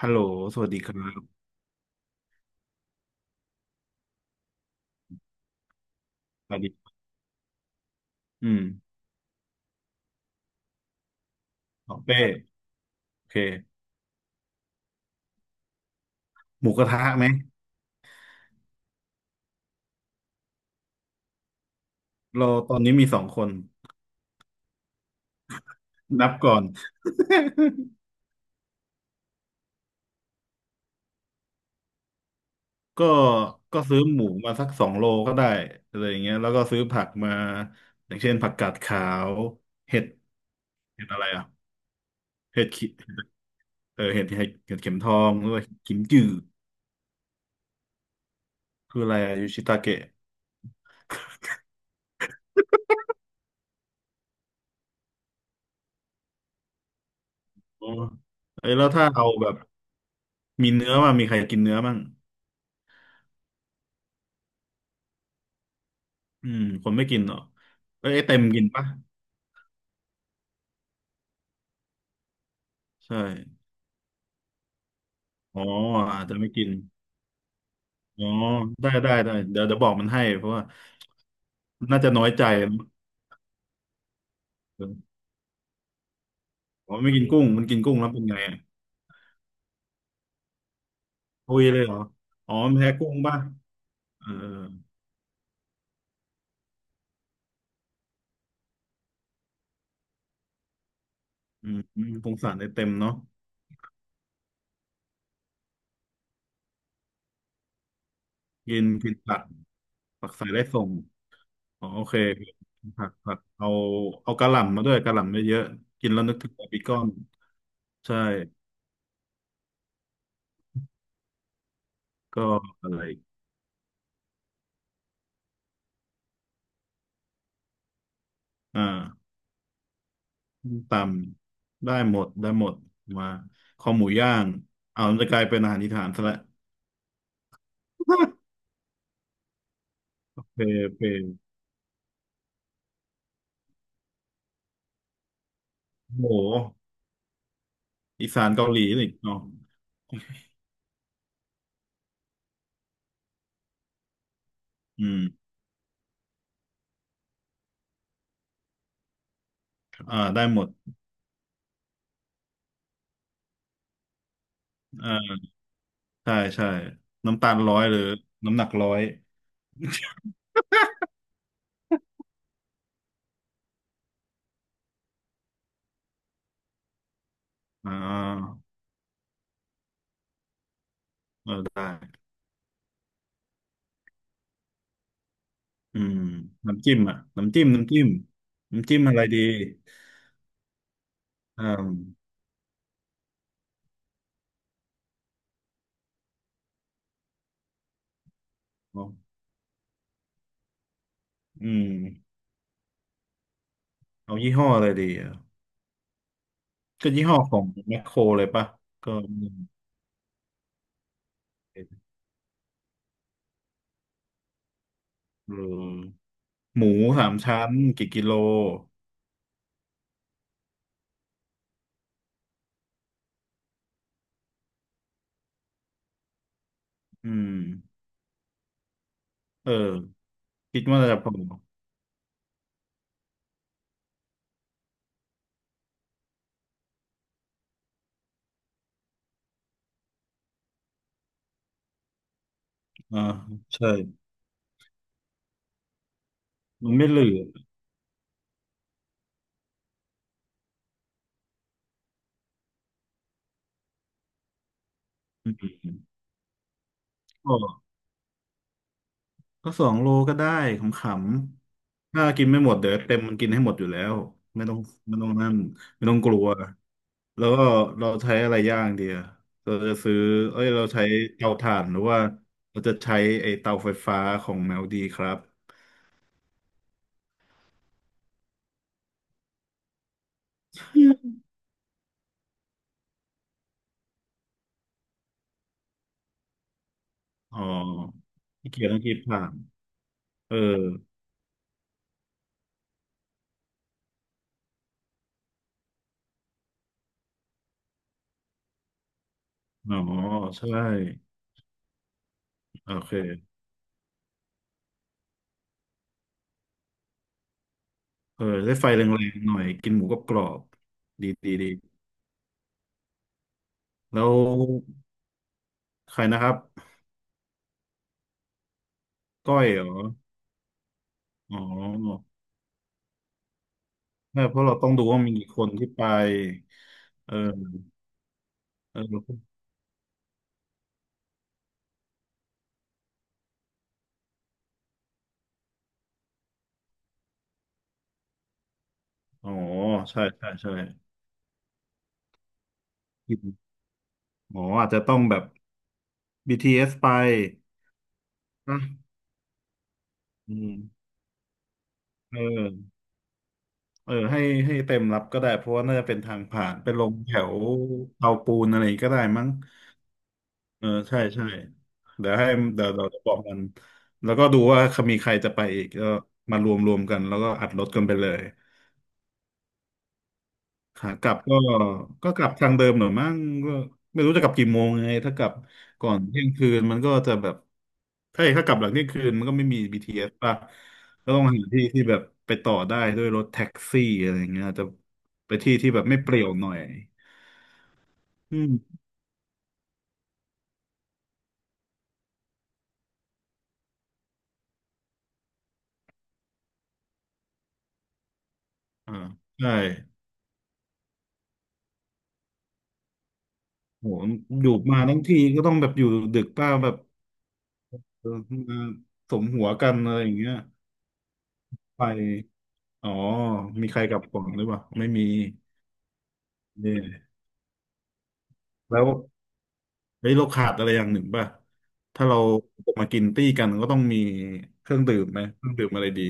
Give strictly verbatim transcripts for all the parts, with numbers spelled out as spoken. ฮัลโหลสวัสดีครับสวัสดีอืมอ๋อเป้โอเค หมูกระทะไหม เราตอนนี้มีสองคน นับก่อน ก็ก็ซื้อหมูมาสักสองโลก็ได้อะไรอย่างเงี้ยแล้วก็ซื้อผักมาอย่างเช่นผักกาดขาวเห็ดเห็ดอะไรอ่ะ เห็ดขิเออเห็ดเห็ดเห็ดเข็มทองด้วยกิมจือคืออะไรอะยูชิตาเกะอ๋อเอ้ยแล้วถ้าเอาแบบ มีเนื้อมามีใครกินเนื้อมั่งอืมคนไม่กินเหรอเอ้ยไอ้เต็มกินปะใช่ อ๋ออาจจะไม่กินอ๋อได้ได้ได้เดี๋ยวเดี๋ยวบอกมันให้เพราะว่าน่าจะน้อยใจเอออ๋อไม่กินกุ้งมันกินกุ้งแล้วเป็นไงอะทุยเลยเหรออ๋อมันแพ้กุ้งป่ะเอออืมอืมสงสารได้เต็มเนาะกินกินผักผักใส่ได้ส่งอ๋อโอเคผักผักเอาเอากะหล่ำมาด้วยกะหล่ำเยอะๆกินแล้วนึกถึงบาร์บีคอนใช่ก็อะไรอ่า ส้มตำได้หมดได้หมดมาคอหมูย่างเอามันจะกลายเป็นอาหารอีสานซะและ เปเปโหอีสานเกาหลีนี่เนาะอืมอ่าได้หมดอ่าใช่ใช่น้ำตาลร้อยหรือน้ำหนักร้อยอ่าได้อืมน้ำจิ้มอ่ะน้ำจิ้มน้ำจิ้มน้ำจิ้มอะไรดีอ่าเอาอืมเอายี่ห้ออะไรดีอ่ะก็ยี่ห้อของแมคโครเลยปะก็เออ หมูสามชั้นกี่กิโล อืม เออ คิดว่าจะพออ่าใช่ มันไม่เหลืออืมก็ก็สองโลก็ได้ขำๆ ถ้ากินไม่หมดเดี๋ยวเต็มมันกินให้หมดอยู่แล้วไม่ต้องไม่ต้องนั่นไม่ต้องกลัว แล้วก็เราใช้อะไรย่างดีอะเราจะซื้อเอ้ย เราใช้เตาถ่านหรือว่า เราจะใช้ไอ้เตาไฟฟ้าของแมวดีครับ อ๋อขี้เกียจต้องคิดผ่านเอออ๋อใช่ โอเคเออได้ไฟแรงๆหน่อย กินหมูกรอบๆดีดีดีแล้วใครนะครับ ก้อยเหรอ อ๋อไม่เพราะเราต้องดูว่ามีกี่คนที่ไปเออเอออ๋อใช่ใช่ใช่กินอ๋ออาจจะต้องแบบ บี ที เอส ไปนะอืมเออเออให้ให้เต็มรับก็ได้ เพราะว่าน่าจะเป็นทางผ่านไปลงแถวเตาปูนอะไรก็ได้มั้ง เออใช่ใช่เดี๋ยวให้เดี๋ยวเราจะบอกมันแล้วก็ดูว่ามีใครจะไปอีกก็มารวมรวมกันแล้วก็อัดรถกันไปเลยขากลับก็ก็กลับทางเดิมหน่อยมั้งก็ไม่รู้จะกลับกี่โมงไงถ้ากลับก่อนเที่ยงคืนมันก็จะแบบถ้าถ้ากลับหลังเที่ยงคืนมันก็ไม่มี บี ที เอส ป่ะก็ต้องหาที่ที่แบบไปต่อได้ด้วยรถแท็กซี่อะไรอย่างเงี้ยอาจจะไปที่ที่แบบไม่เปรี่ยวหน่อยอืมอ่าใช่โหอยู่มาทั้งทีก็ต้องแบบอยู่ดึกป้าแบบ เออมาสมหัวกันอะไรอย่างเงี้ยไปอ๋อมีใครกลับก่อนหรือเปล่าไม่มีเนี่ยแล้วเฮ้ยเราขาดอะไรอย่างหนึ่งป่ะถ้าเราจะมากินตี้กันก็ต้องมีเครื่องดื่มไหมเครื่องดื่มอะไรดี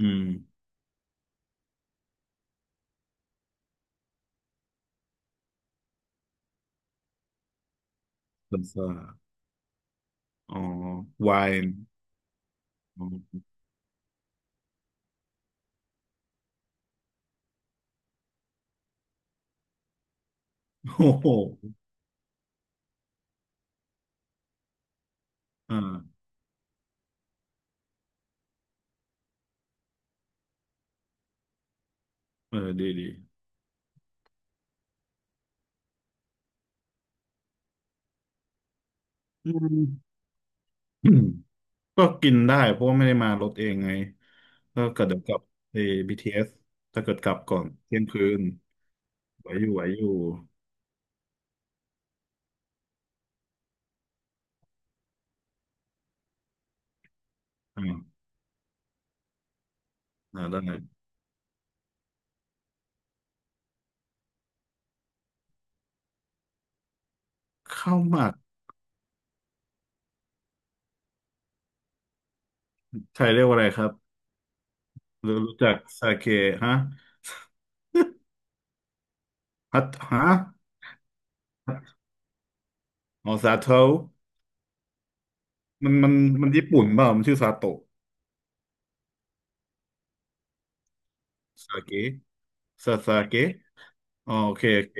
อืมเบียร์อ๋อไวน์อ๋อโอ้โหอ่าเออดีดีอืมอืมก็กินได้เพราะว่าไม่ได้มารถเองไงก็เกิดเดี๋ยวกลับเอ b s ถ้าเกิดกลับก่อนเที่ยงคืนไหวอยู่ไหวอยู่ อาอ่าได้ข้าวหมักไทยเรียกว่าอะไรครับรู้รู้จักซาเกะฮะฮัตฮะอ๋อซาโตะมันมันมันญี่ปุ่นเปล่ามันชื่อซาโตะซาเกะซาซาเกะอ๋อโอเคโอเค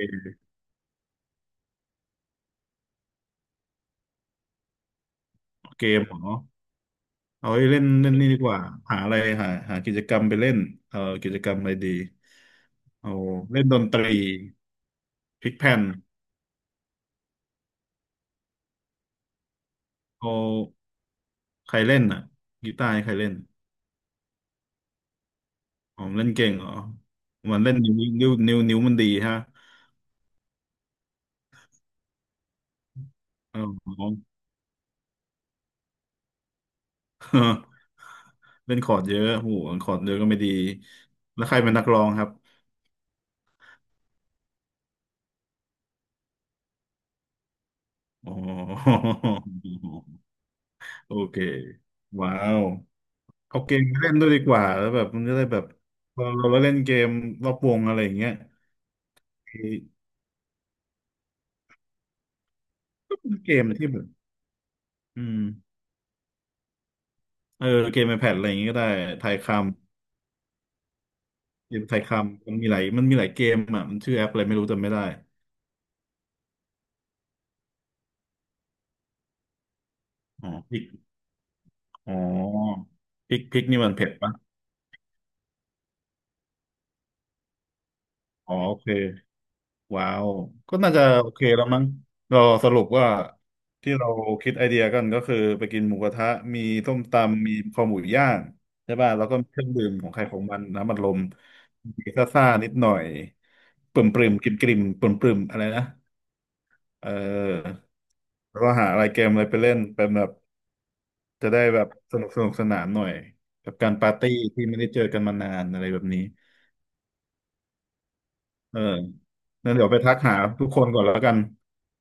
เกมเหรอเอาไว้เล่นเล่นนี่ดีกว่าหาอะไรหาหากิจกรรมไปเล่นเอ่อกิจกรรมอะไรดีเอาเล่นดนตรีพลิกแผ่นเอาใครเล่นอ่ะกีตาร์ให้ใครเล่นอ๋อมันเล่นเก่งเหรอมันเล่นนิ้วนิ้วนิ้วนิ้วมันดีฮะอ๋อ เออเล่นคอร์ดเยอะโอ้โหคอร์ดเยอะก็ไม่ดีแล้วใครเป็นนักร้องครับอ๋อ โอเคว้าวเอาเกมไปเล่นด้วยดีกว่าแล้วแบบมันจะได้แบบเราเราเล่นเกมรอบวงอะไรอย่างเงี้ยก็เป็นเกมที่แบบอืมเออเกมในแพดอะไรอย่างงี้ก็ได้ไทยคำเกมไทยคำมันมีหลายมันมีหลายเกมอ่ะมันชื่อแอปอะไรไม่รู้จำไม่ได้อ๋อพิกอ๋อพิกพิกนี่มันเผ็ดปะอ๋อโอเค ว้าว ก็น่าจะโอเคแล้วมั้งเราสรุปว่าที่เราคิดไอเดียกันก็คือไปกินหมูกระทะมีส้มตำมีคอหมูย่างใช่ป่ะแล้วก็มีเครื่องดื่มของใครของมันน้ำอัดลมมีซ่าๆนิดหน่อยปริ่มปริมกริมกริมปริ่มปริมอะไรนะเออแล้วก็หาอะไรเกมอะไรไปเล่นเป็นแบบจะได้แบบสนุกสนุกสนานหน่อยกับการปาร์ตี้ที่ไม่ได้เจอกันมานานอะไรแบบนี้ เออนั่นเดี๋ยวไปทักหาทุกคนก่อนแล้วกัน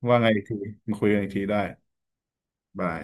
ว่าไงอีกทีมาคุยกันอีกทีได้บาย